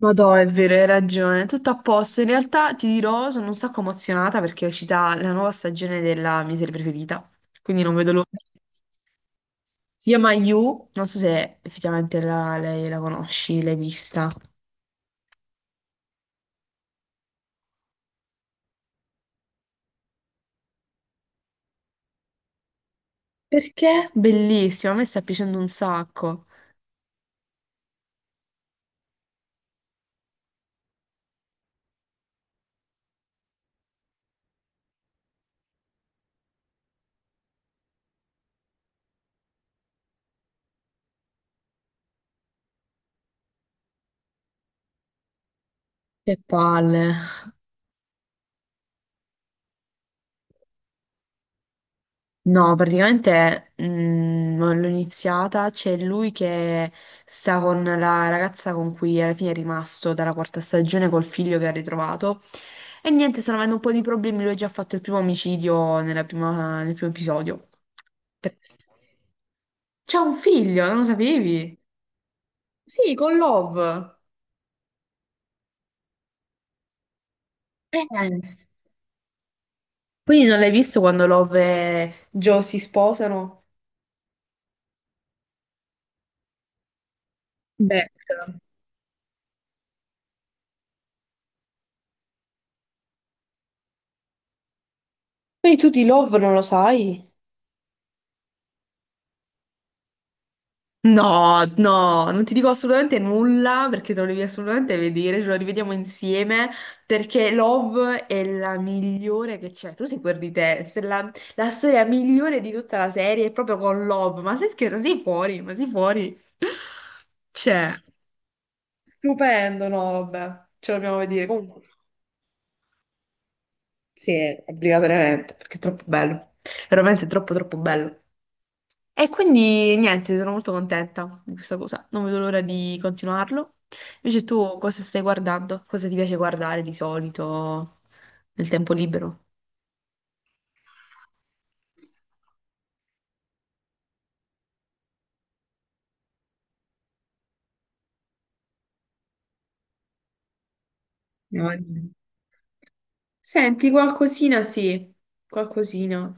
Ma no, è vero, hai ragione. Tutto a posto. In realtà ti dirò, sono un sacco emozionata perché è uscita la nuova stagione della mia serie preferita. Quindi non vedo l'ora. Si chiama You, non so se effettivamente lei la conosci, l'hai vista. Perché? Bellissima, a me sta piacendo un sacco. Che palle. No, praticamente non l'ho iniziata, c'è lui che sta con la ragazza con cui alla fine è rimasto dalla quarta stagione col figlio che ha ritrovato. E niente, stanno avendo un po' di problemi, lui ha già fatto il primo omicidio nel primo episodio. Per- C'è un figlio, non lo sapevi? Sì, con Love. Eh, Quindi non l'hai visto quando Love e Joe si sposano? Beh, quindi tu di Love non lo sai? No, no, non ti dico assolutamente nulla perché te lo devi assolutamente vedere, ce lo rivediamo insieme perché Love è la migliore che c'è. Tu sei quel di te, se la, la storia migliore di tutta la serie è proprio con Love, ma sei scherzo, sei fuori, ma sei fuori. Cioè, stupendo, no, vabbè, ce lo dobbiamo vedere. Comunque, sì, obbligatoriamente perché è troppo bello, veramente troppo troppo bello. E quindi niente, sono molto contenta di questa cosa. Non vedo l'ora di continuarlo. Invece tu cosa stai guardando? Cosa ti piace guardare di solito nel tempo libero? No, niente. Senti, qualcosina sì, qualcosina.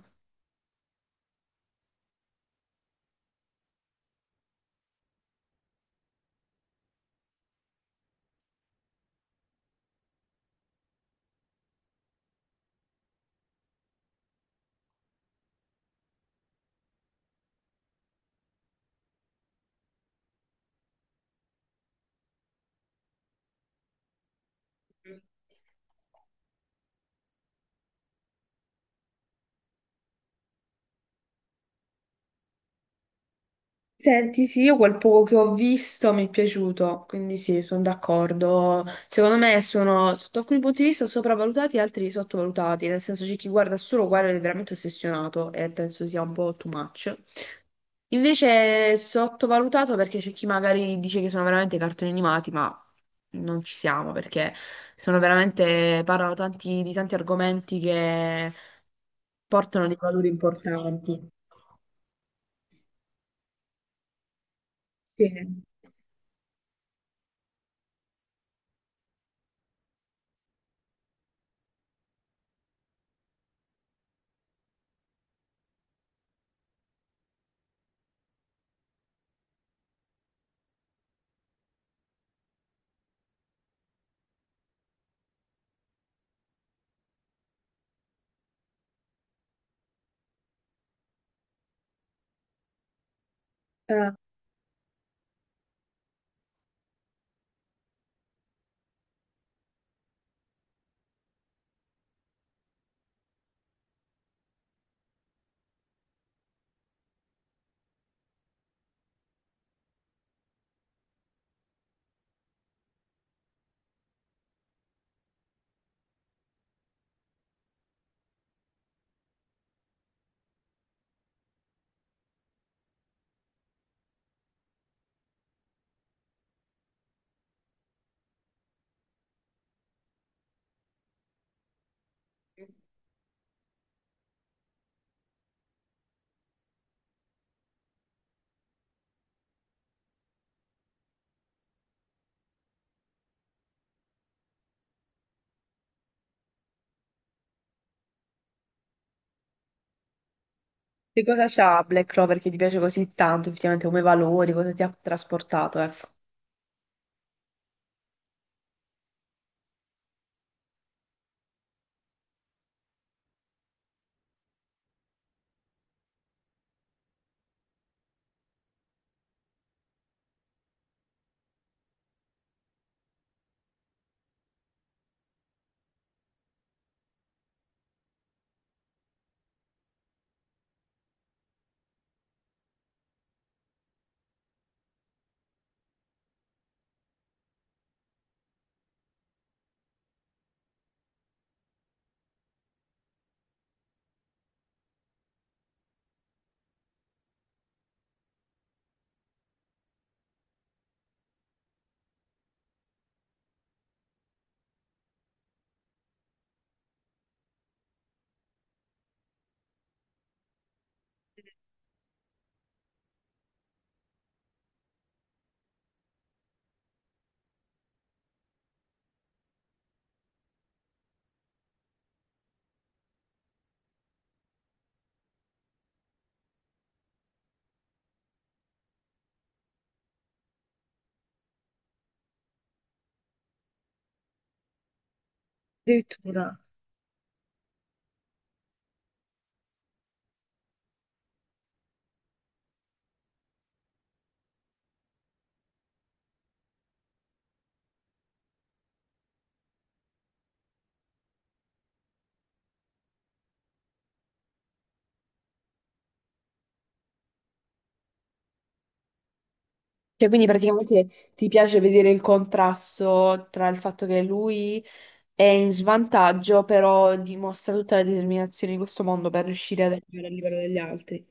Senti, sì, io quel poco che ho visto mi è piaciuto, quindi sì, sono d'accordo. Secondo me sono, sotto alcuni punti di vista, sopravvalutati e altri sottovalutati, nel senso c'è chi guarda solo quello ed è veramente ossessionato e penso sia un po' too much. Invece è sottovalutato perché c'è chi magari dice che sono veramente cartoni animati, ma non ci siamo perché sono veramente, di tanti argomenti che portano dei valori importanti. Sì. Eh. Che cosa c'ha Black Clover che ti piace così tanto, effettivamente, come valori, cosa ti ha trasportato, ecco. Addirittura. Cioè, quindi praticamente ti piace vedere il contrasto tra il fatto che lui è in svantaggio, però dimostra tutta la determinazione di questo mondo per riuscire ad arrivare al livello degli altri.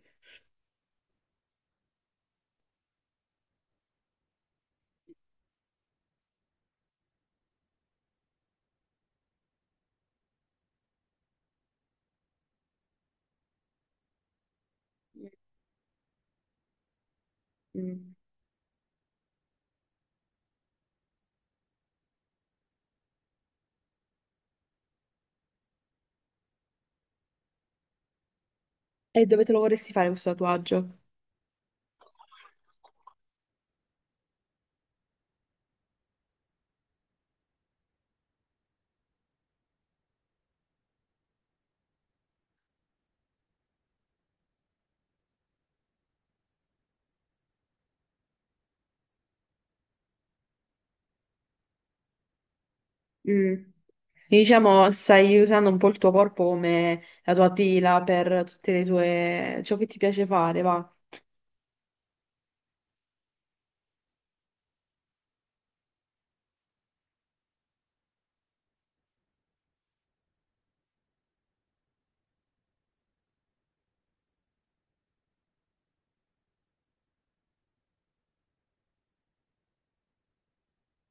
Mm. E dove te lo vorresti fare questo tatuaggio? Mm. Diciamo, stai usando un po' il tuo corpo come la tua tela per tutte le tue... ciò che ti piace fare, va.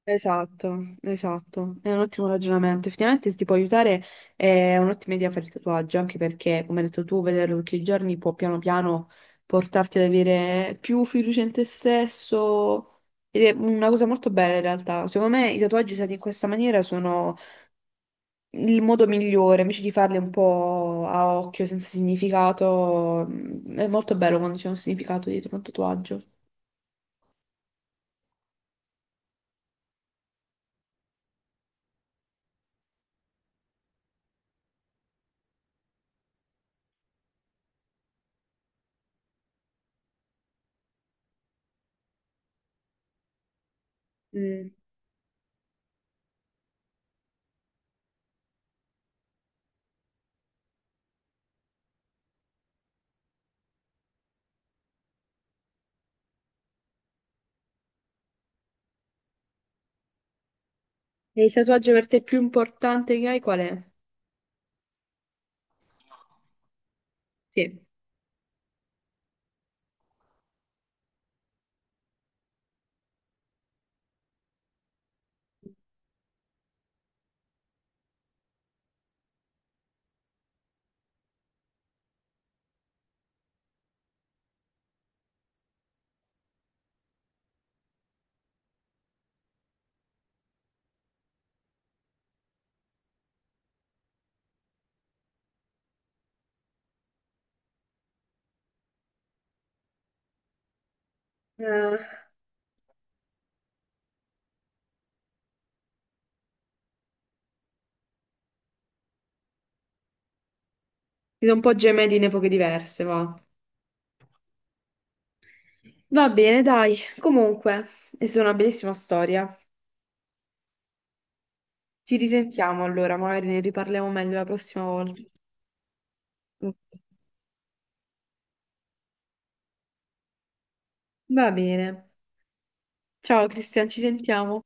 Esatto, esatto, è un ottimo ragionamento. Effettivamente se ti può aiutare è un'ottima idea fare il tatuaggio, anche perché, come hai detto tu, vederlo tutti i giorni può piano piano portarti ad avere più fiducia in te stesso ed è una cosa molto bella in realtà. Secondo me i tatuaggi usati in questa maniera sono il modo migliore, invece di farli un po' a occhio, senza significato. È molto bello quando c'è un significato dietro un tatuaggio. Mm. E il tatuaggio per te più importante che hai qual è? Sì. Eh, si sono un po' gementi in epoche diverse, va. Va bene, dai. Comunque, è stata una bellissima storia. Ci risentiamo allora, magari ne riparliamo meglio la prossima volta. Ok. Va bene. Ciao Cristian, ci sentiamo.